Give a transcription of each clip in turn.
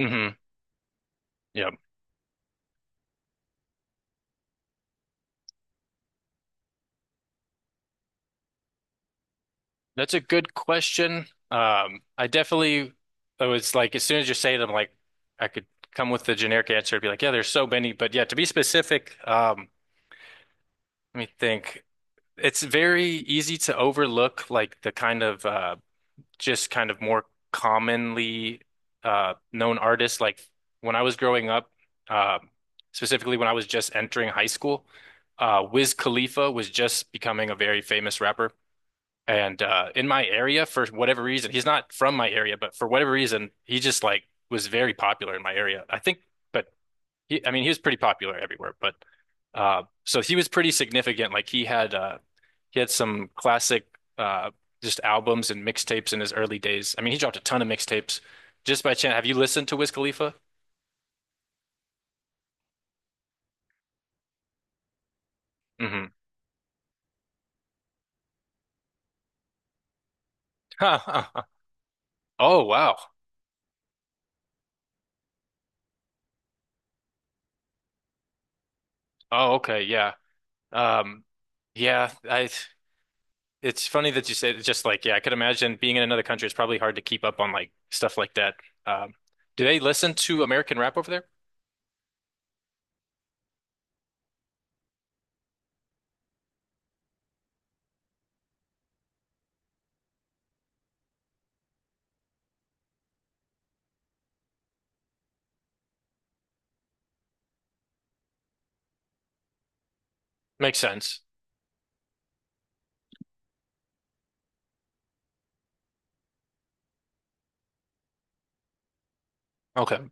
Hmm. Yeah, that's a good question. I definitely, I was like, as soon as you say it, I'm like, I could come with the generic answer and be like, yeah, there's so many. But yeah, to be specific, let me think. It's very easy to overlook like the kind of just kind of more commonly known artists. Like when I was growing up, um, specifically when I was just entering high school, Wiz Khalifa was just becoming a very famous rapper. And in my area for whatever reason, he's not from my area, but for whatever reason, he just like was very popular in my area, I think. But he, I mean, he was pretty popular everywhere. But so he was pretty significant. Like he had some classic uh, just albums and mixtapes in his early days. I mean, he dropped a ton of mixtapes. Just by chance, have you listened to Wiz Khalifa? Hmm. Oh wow. Oh okay, yeah. Um, yeah. I It's funny that you said it's just like, yeah, I could imagine being in another country. It's probably hard to keep up on like stuff like that. Um, do they listen to American rap over there? Makes sense. Okay.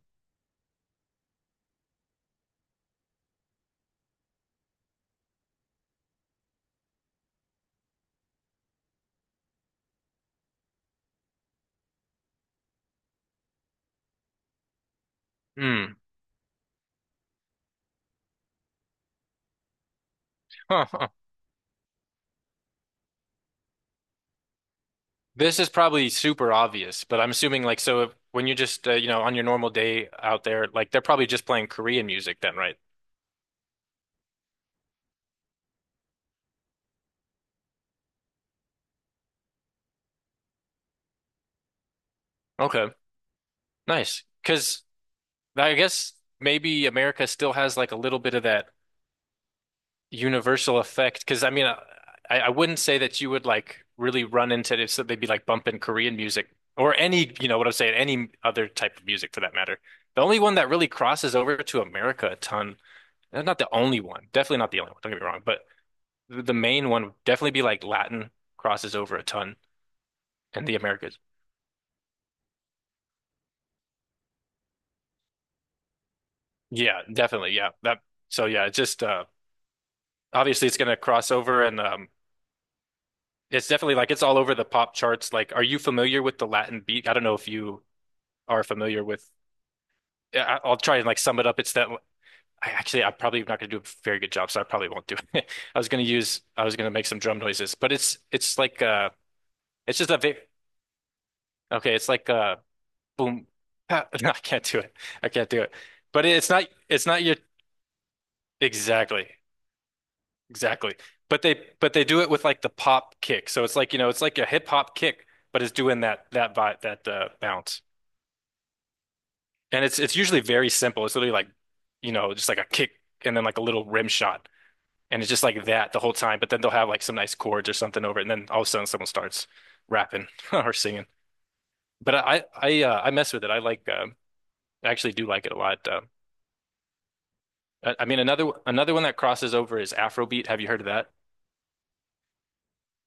Hmm. Huh, huh. This is probably super obvious, but I'm assuming like so if, when you're just you know, on your normal day out there, like they're probably just playing Korean music then, right? Okay. Nice. Because I guess maybe America still has like a little bit of that universal effect, because I mean, I wouldn't say that you would like really run into this, so they'd be like bumping Korean music or any, you know what I'm saying, any other type of music for that matter. The only one that really crosses over to America a ton, and not the only one, definitely not the only one, don't get me wrong, but the main one would definitely be like Latin. Crosses over a ton in the Americas. Yeah, definitely, yeah, that, so yeah, it's just obviously it's gonna cross over. And it's definitely like it's all over the pop charts. Like, are you familiar with the Latin beat? I don't know if you are familiar with. I'll try and like sum it up. It's that I'm probably not going to do a very good job, so I probably won't do it. I was going to make some drum noises, but it's like it's just a very okay. It's like boom. Pa- No, I can't do it. I can't do it. But it's not your exactly exactly. But they do it with like the pop kick. So it's like, you know, it's like a hip hop kick, but it's doing that that vibe, that bounce. And it's usually very simple. It's literally like, you know, just like a kick and then like a little rim shot. And it's just like that the whole time, but then they'll have like some nice chords or something over it, and then all of a sudden someone starts rapping or singing. But I mess with it. I like I actually do like it a lot. Another one that crosses over is Afrobeat. Have you heard of that?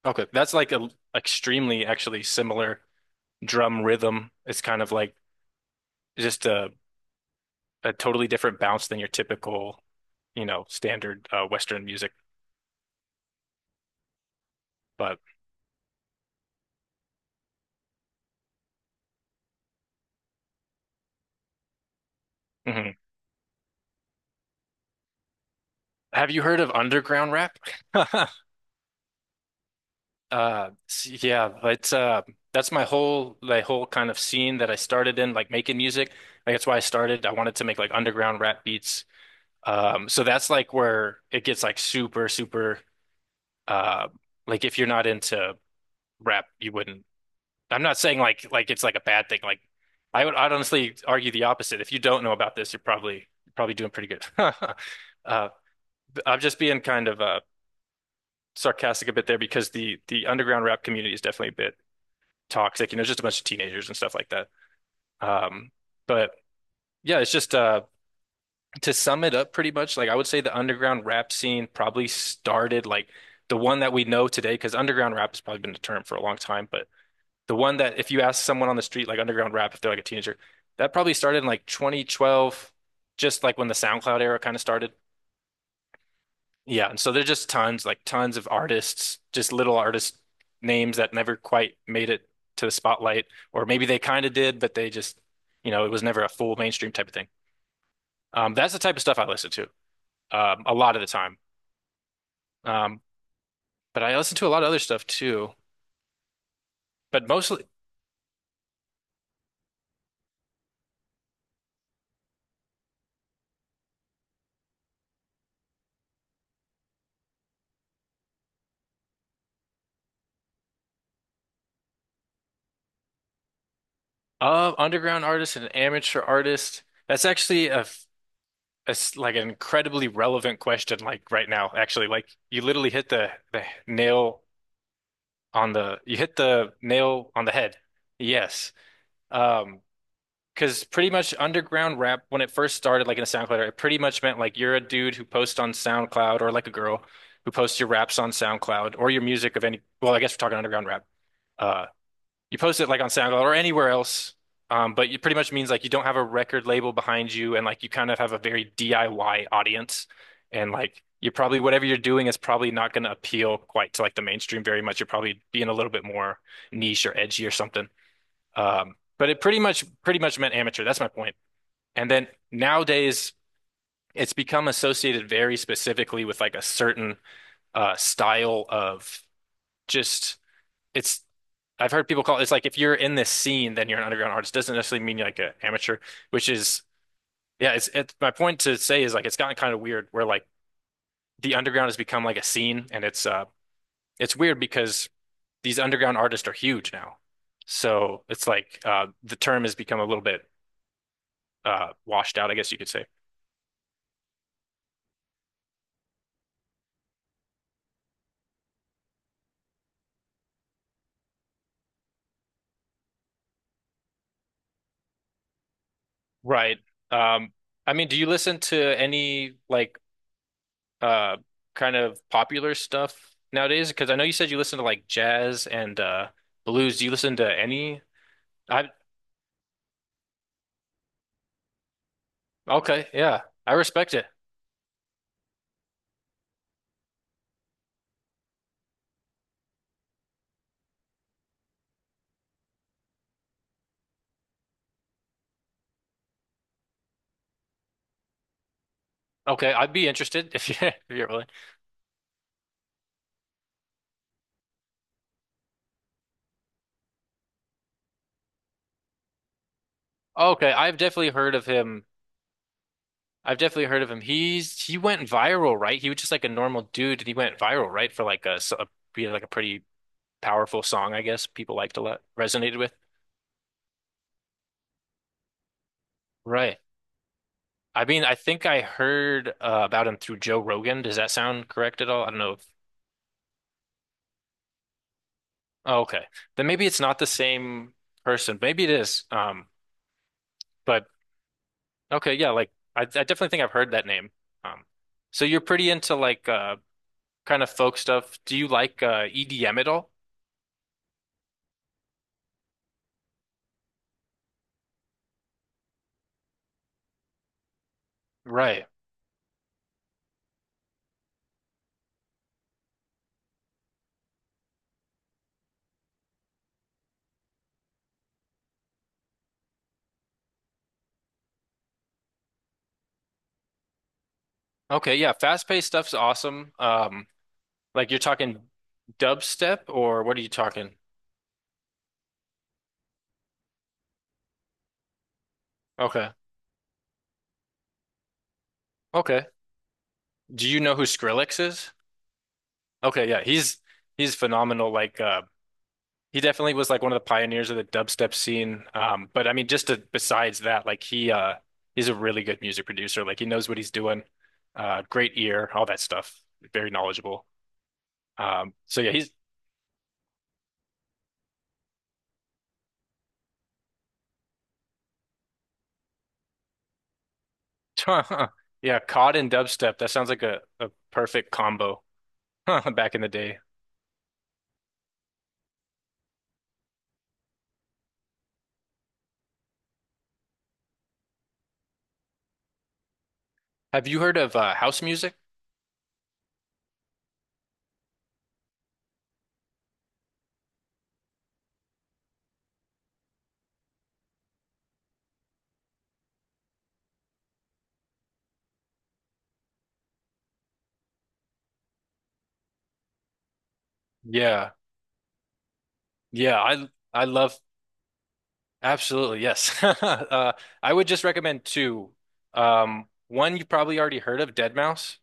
Okay, that's like a extremely actually similar drum rhythm. It's kind of like just a totally different bounce than your typical, you know, standard Western music. But mhm. Have you heard of underground rap? Yeah, it's that's my whole kind of scene that I started in, like making music. Like that's why I started. I wanted to make like underground rap beats. So that's like where it gets like super, super. Uh, like if you're not into rap, you wouldn't. I'm not saying like it's like a bad thing. Like I'd honestly argue the opposite. If you don't know about this, you're probably doing pretty good. Uh, I'm just being kind of sarcastic a bit there because the underground rap community is definitely big. Toxic, you know, just a bunch of teenagers and stuff like that. Um, but yeah, it's just to sum it up pretty much, like I would say the underground rap scene probably started like the one that we know today, because underground rap has probably been a term for a long time, but the one that if you ask someone on the street like underground rap if they're like a teenager, that probably started in like 2012, just like when the SoundCloud era kind of started. Yeah, and so there's just tons, like tons of artists, just little artist names that never quite made it to the spotlight, or maybe they kind of did, but they just, you know, it was never a full mainstream type of thing. That's the type of stuff I listen to, a lot of the time. Um, but I listen to a lot of other stuff too, but mostly underground artists and amateur artists. That's actually a, f- a s- like an incredibly relevant question, like right now, actually. Like you literally hit the nail on the— You hit the nail on the head. Yes. Um, because pretty much underground rap when it first started, like in a SoundCloud, it pretty much meant like you're a dude who posts on SoundCloud, or like a girl who posts your raps on SoundCloud, or your music of any, well, I guess we're talking underground rap. Uh you post it like on SoundCloud or anywhere else, but it pretty much means like you don't have a record label behind you, and like you kind of have a very DIY audience, and like you probably whatever you're doing is probably not going to appeal quite to like the mainstream very much. You're probably being a little bit more niche or edgy or something. But it pretty much meant amateur. That's my point. And then nowadays, it's become associated very specifically with like a certain style of just it's I've heard people call it, it's like if you're in this scene, then you're an underground artist. Doesn't necessarily mean you're like an amateur, which is yeah. It's my point to say is like it's gotten kind of weird where like the underground has become like a scene, and it's weird because these underground artists are huge now, so it's like the term has become a little bit washed out, I guess you could say. Right. Um, I mean, do you listen to any like uh kind of popular stuff nowadays? Because I know you said you listen to like jazz and blues. Do you listen to any? I okay, yeah, I respect it. Okay, I'd be interested if you, if you're willing. Okay, I've definitely heard of him. I've definitely heard of him. He's he went viral, right? He was just like a normal dude, and he went viral, right? For like a, s- a you know, like a pretty powerful song, I guess people liked a lot, resonated with. Right. I mean, I think I heard about him through Joe Rogan. Does that sound correct at all? I don't know. Oh, okay. Then maybe it's not the same person. Maybe it is. But okay, yeah, like I definitely think I've heard that name. Um, so you're pretty into like kind of folk stuff. Do you like EDM at all? Right. Okay, yeah, fast-paced stuff's awesome. Like you're talking dubstep or what are you talking? Okay. Okay. Do you know who Skrillex is? Okay, yeah, he's phenomenal like he definitely was like one of the pioneers of the dubstep scene. But I mean, just to, besides that, like he he's a really good music producer. Like he knows what he's doing. Great ear, all that stuff. Very knowledgeable. So yeah, he's yeah, cod and dubstep. That sounds like a perfect combo back in the day. Have you heard of house music? Yeah, yeah, I love absolutely, yes. I would just recommend two. One you probably already heard of, Dead Mouse.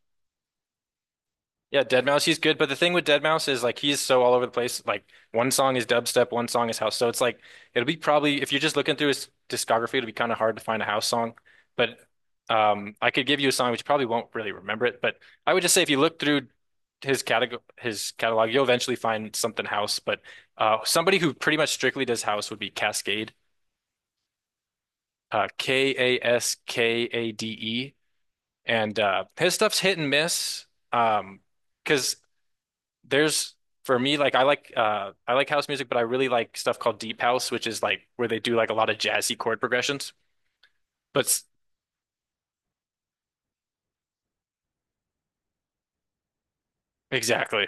Yeah, Dead Mouse, he's good, but the thing with Dead Mouse is like he's so all over the place. Like one song is dubstep, one song is house. So it's like it'll be probably if you're just looking through his discography, it'll be kind of hard to find a house song. But I could give you a song which you probably won't really remember it, but I would just say if you look through his catalog, you'll eventually find something house. But somebody who pretty much strictly does house would be Cascade. Kaskade. And his stuff's hit and miss. Um because there's for me like I like I like house music, but I really like stuff called deep house, which is like where they do like a lot of jazzy chord progressions. But s- exactly.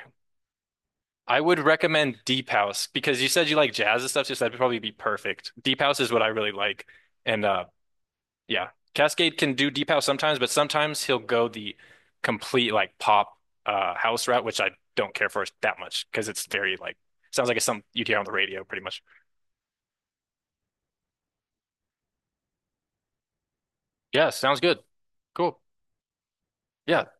I would recommend deep house because you said you like jazz and stuff, so that'd probably be perfect. Deep house is what I really like. And yeah, Cascade can do deep house sometimes, but sometimes he'll go the complete like pop house route, which I don't care for that much because it's very like sounds like it's something you'd hear on the radio pretty much. Yeah, sounds good. Cool. Yeah.